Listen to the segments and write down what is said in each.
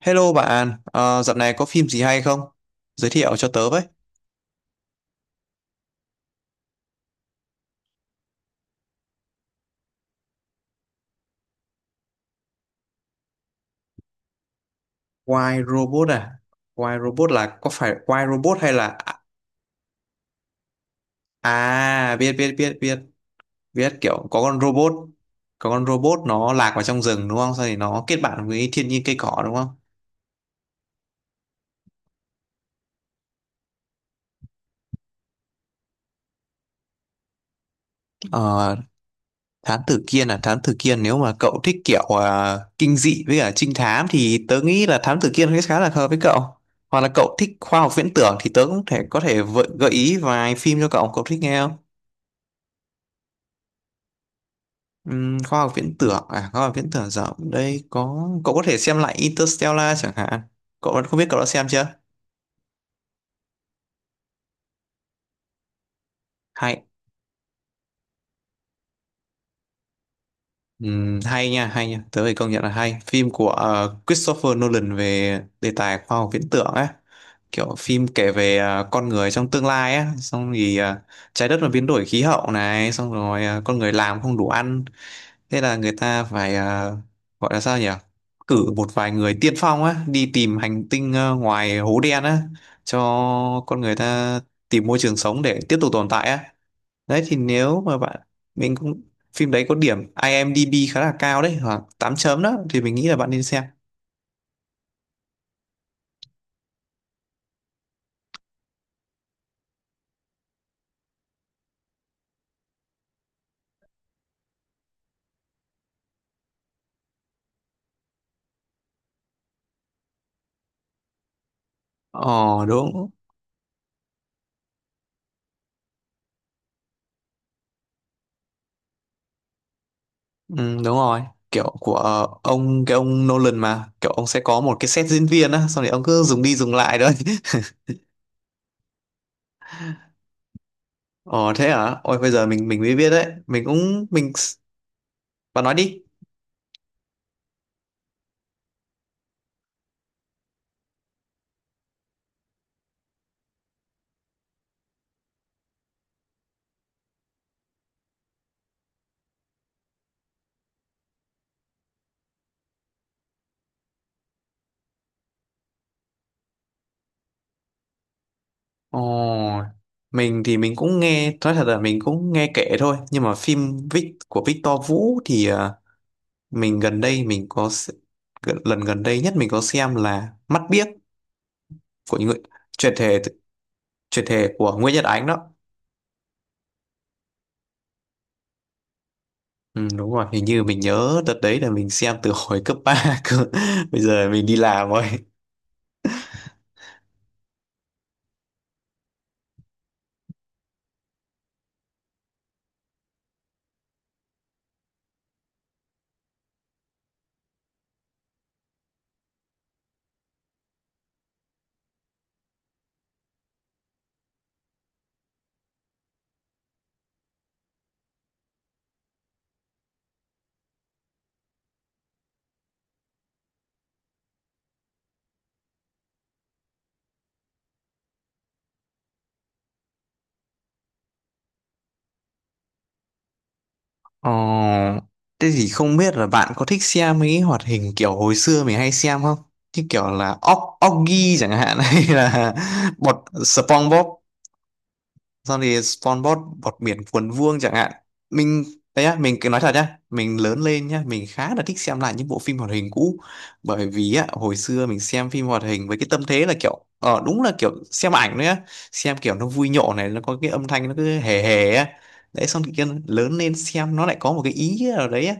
Hello bạn, dạo này có phim gì hay không? Giới thiệu cho tớ với. Why Robot à? Why Robot là có phải Why Robot hay là biết biết biết biết biết kiểu có con robot, có con robot nó lạc vào trong rừng đúng không? Sau thì nó kết bạn với thiên nhiên cây cỏ đúng không? Ờ, Thám Tử Kiên à? Thám Tử Kiên nếu mà cậu thích kiểu kinh dị với cả trinh thám thì tớ nghĩ là Thám Tử Kiên khá là hợp với cậu. Hoặc là cậu thích khoa học viễn tưởng thì tớ cũng thể có thể gợi ý vài phim cho cậu, cậu thích nghe không? Khoa học viễn tưởng à? Khoa học viễn tưởng rộng đây, có cậu có thể xem lại Interstellar chẳng hạn, cậu không biết cậu đã xem chưa hay. Hay nha, hay nha, tớ phải công nhận là hay. Phim của Christopher Nolan về đề tài khoa học viễn tưởng ấy, kiểu phim kể về con người trong tương lai á, xong thì trái đất mà biến đổi khí hậu này, xong rồi con người làm không đủ ăn. Thế là người ta phải gọi là sao nhỉ? Cử một vài người tiên phong á, đi tìm hành tinh ngoài hố đen á, cho con người ta tìm môi trường sống để tiếp tục tồn tại á. Đấy thì nếu mà bạn, mình cũng, phim đấy có điểm IMDb khá là cao đấy, khoảng 8 chấm đó, thì mình nghĩ là bạn nên xem. Ờ đúng. Ừ, đúng rồi. Kiểu của ông, cái ông Nolan mà, kiểu ông sẽ có một cái set diễn viên á, xong rồi ông cứ dùng đi dùng lại thôi. Ồ thế hả? Ôi bây giờ mình mới biết đấy. Mình cũng mình. Bạn nói đi. Ồ, mình thì mình cũng nghe, nói thật là mình cũng nghe kể thôi. Nhưng mà phim Vic của Victor Vũ thì mình gần đây mình có lần gần đây nhất mình có xem là Mắt Biếc, của những người chuyển thể, chuyển thể của Nguyễn Nhật Ánh đó. Ừ, đúng rồi, hình như mình nhớ đợt đấy là mình xem từ hồi cấp 3 cơ. Bây giờ mình đi làm rồi. Ờ, thế thì không biết là bạn có thích xem mấy cái hoạt hình kiểu hồi xưa mình hay xem không? Như kiểu là Oggy chẳng hạn, hay là bọt, SpongeBob, xong thì SpongeBob bọt biển cuốn vuông chẳng hạn. Mình đấy á, mình cứ nói thật nhá, mình lớn lên nhá, mình khá là thích xem lại những bộ phim hoạt hình cũ, bởi vì á hồi xưa mình xem phim hoạt hình với cái tâm thế là kiểu ờ đúng là kiểu xem ảnh nữa, xem kiểu nó vui nhộn này, nó có cái âm thanh nó cứ hề hề á. Đấy xong thì kia lớn lên xem nó lại có một cái ý nào đấy á,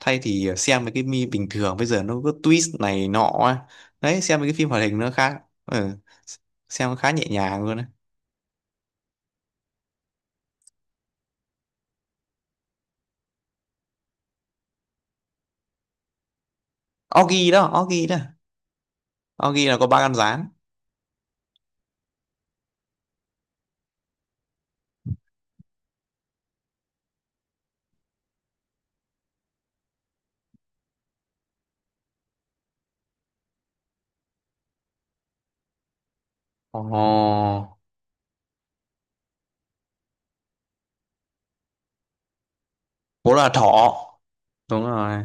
thay thì xem mấy cái mi bình thường bây giờ nó có twist này nọ á. Đấy xem mấy cái phim hoạt hình nó khá, ừ, xem khá nhẹ nhàng luôn á. Oggy đó, Oggy đó. Nó ghi là có ba con gián. Ồ, bố là thỏ, đúng rồi.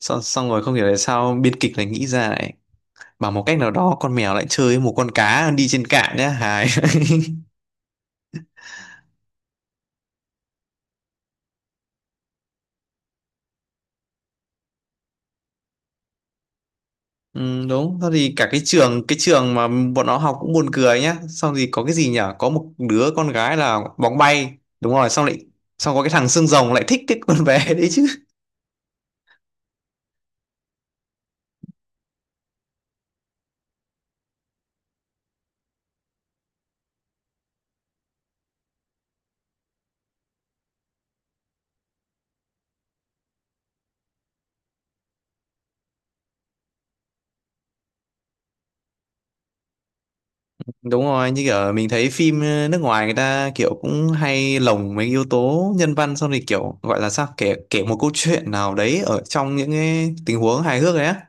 Xong, xong rồi không hiểu tại sao biên kịch lại nghĩ ra, lại bảo một cách nào đó con mèo lại chơi với một con cá đi trên cạn nhá, hài. Ừ, đúng. Sau thì cả cái trường, cái trường mà bọn nó học cũng buồn cười nhá, xong thì có cái gì nhở, có một đứa con gái là bóng bay, đúng rồi, xong lại, xong có cái thằng xương rồng lại thích cái con bé đấy chứ. Đúng rồi, như kiểu mình thấy phim nước ngoài người ta kiểu cũng hay lồng mấy yếu tố nhân văn, xong thì kiểu gọi là sao, kể kể một câu chuyện nào đấy ở trong những cái tình huống hài hước đấy á.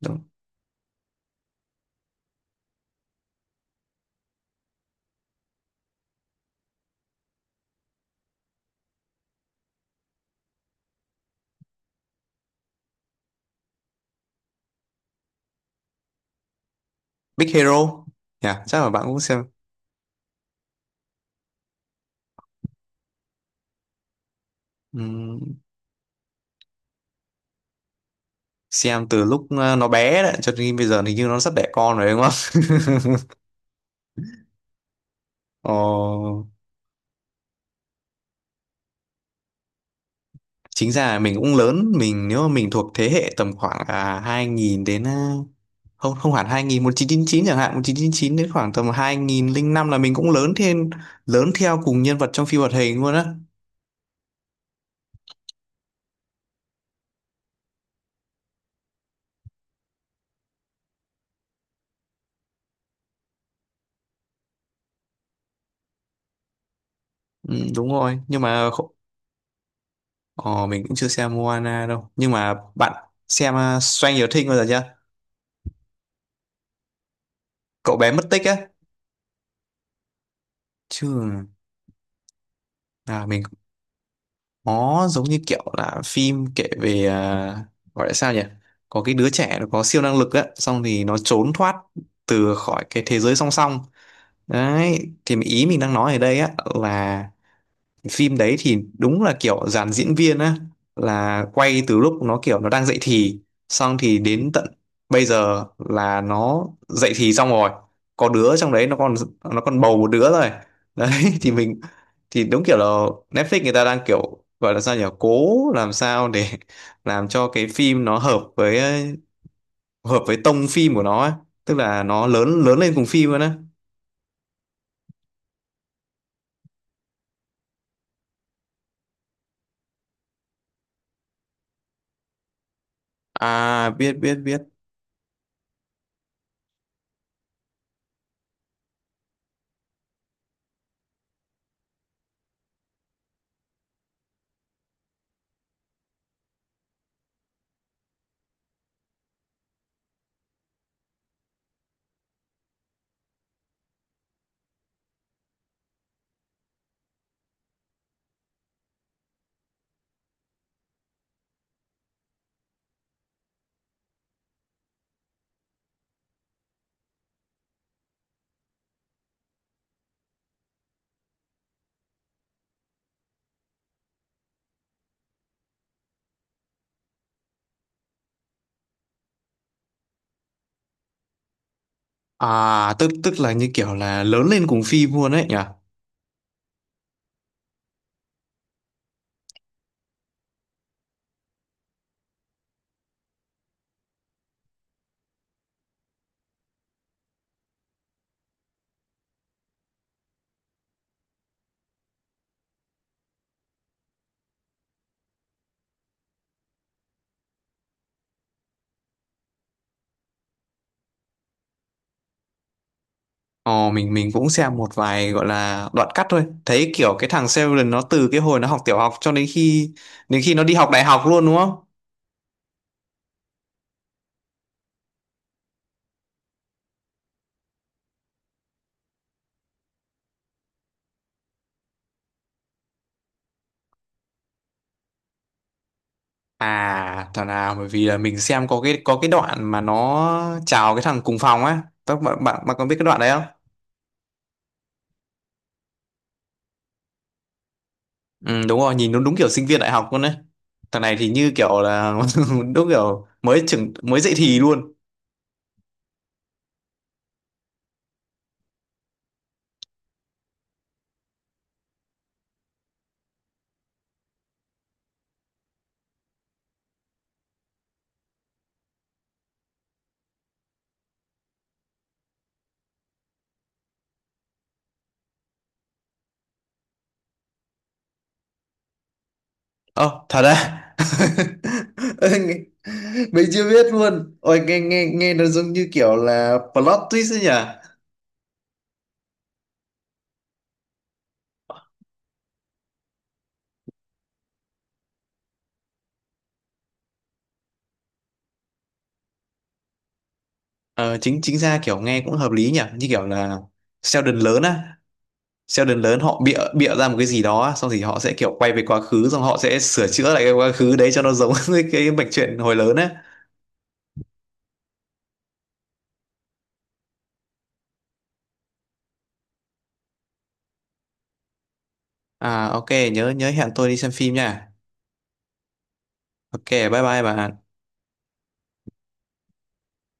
Đúng. Big Hero. Dạ, chắc là bạn cũng xem. Ừm, xem từ lúc nó bé đấy cho đến bây giờ thì như nó sắp đẻ con rồi đúng không? Ồ. Chính ra là mình cũng lớn, mình nếu mà mình thuộc thế hệ tầm khoảng 2000 đến không, không hẳn 2000, 1999 chẳng hạn, 1999 đến khoảng tầm 2005, là mình cũng lớn thêm, lớn theo cùng nhân vật trong phim hoạt hình luôn á. Ừ, đúng rồi nhưng mà ờ, mình cũng chưa xem Moana đâu, nhưng mà bạn xem Stranger Things bao giờ chưa? Cậu bé mất tích á. Chưa à, mình, nó giống như kiểu là phim kể về gọi là sao nhỉ, có cái đứa trẻ nó có siêu năng lực á xong thì nó trốn thoát từ khỏi cái thế giới song song. Đấy thì ý mình đang nói ở đây á là phim đấy thì đúng là kiểu dàn diễn viên á là quay từ lúc nó kiểu nó đang dậy thì, xong thì đến tận bây giờ là nó dậy thì xong rồi, có đứa trong đấy nó còn, nó còn bầu một đứa rồi đấy. Thì mình thì đúng kiểu là Netflix người ta đang kiểu gọi là sao nhỉ, cố làm sao để làm cho cái phim nó hợp với, hợp với tông phim của nó ấy. Tức là nó lớn, lớn lên cùng phim luôn á. À biết biết biết. À tức tức là như kiểu là lớn lên cùng phim luôn ấy nhỉ? Ờ mình cũng xem một vài gọi là đoạn cắt thôi. Thấy kiểu cái thằng Sheldon nó từ cái hồi nó học tiểu học cho đến khi, đến khi nó đi học đại học luôn đúng không? À thằng nào, bởi vì là mình xem có cái, có cái đoạn mà nó chào cái thằng cùng phòng á. Các bạn bạn bạn có biết cái đoạn đấy không? Ừ đúng rồi, nhìn nó đúng kiểu sinh viên đại học luôn đấy. Thằng này thì như kiểu là đúng kiểu mới trưởng, mới dậy thì luôn. Ơ, thật à? Nghe- Mình chưa biết luôn. Ôi, nghe nghe nghe nó giống như kiểu là plot twist ấy nhỉ? Ờ, chính chính ra kiểu nghe cũng hợp lý nhỉ? Như kiểu là Sheldon lớn á. Sheldon lớn họ bịa bịa ra một cái gì đó á, xong thì họ sẽ kiểu quay về quá khứ xong họ sẽ sửa chữa lại cái quá khứ đấy cho nó giống với cái mạch truyện hồi lớn á. À ok, nhớ nhớ hẹn tôi đi xem phim nha. Ok, bye bye bà.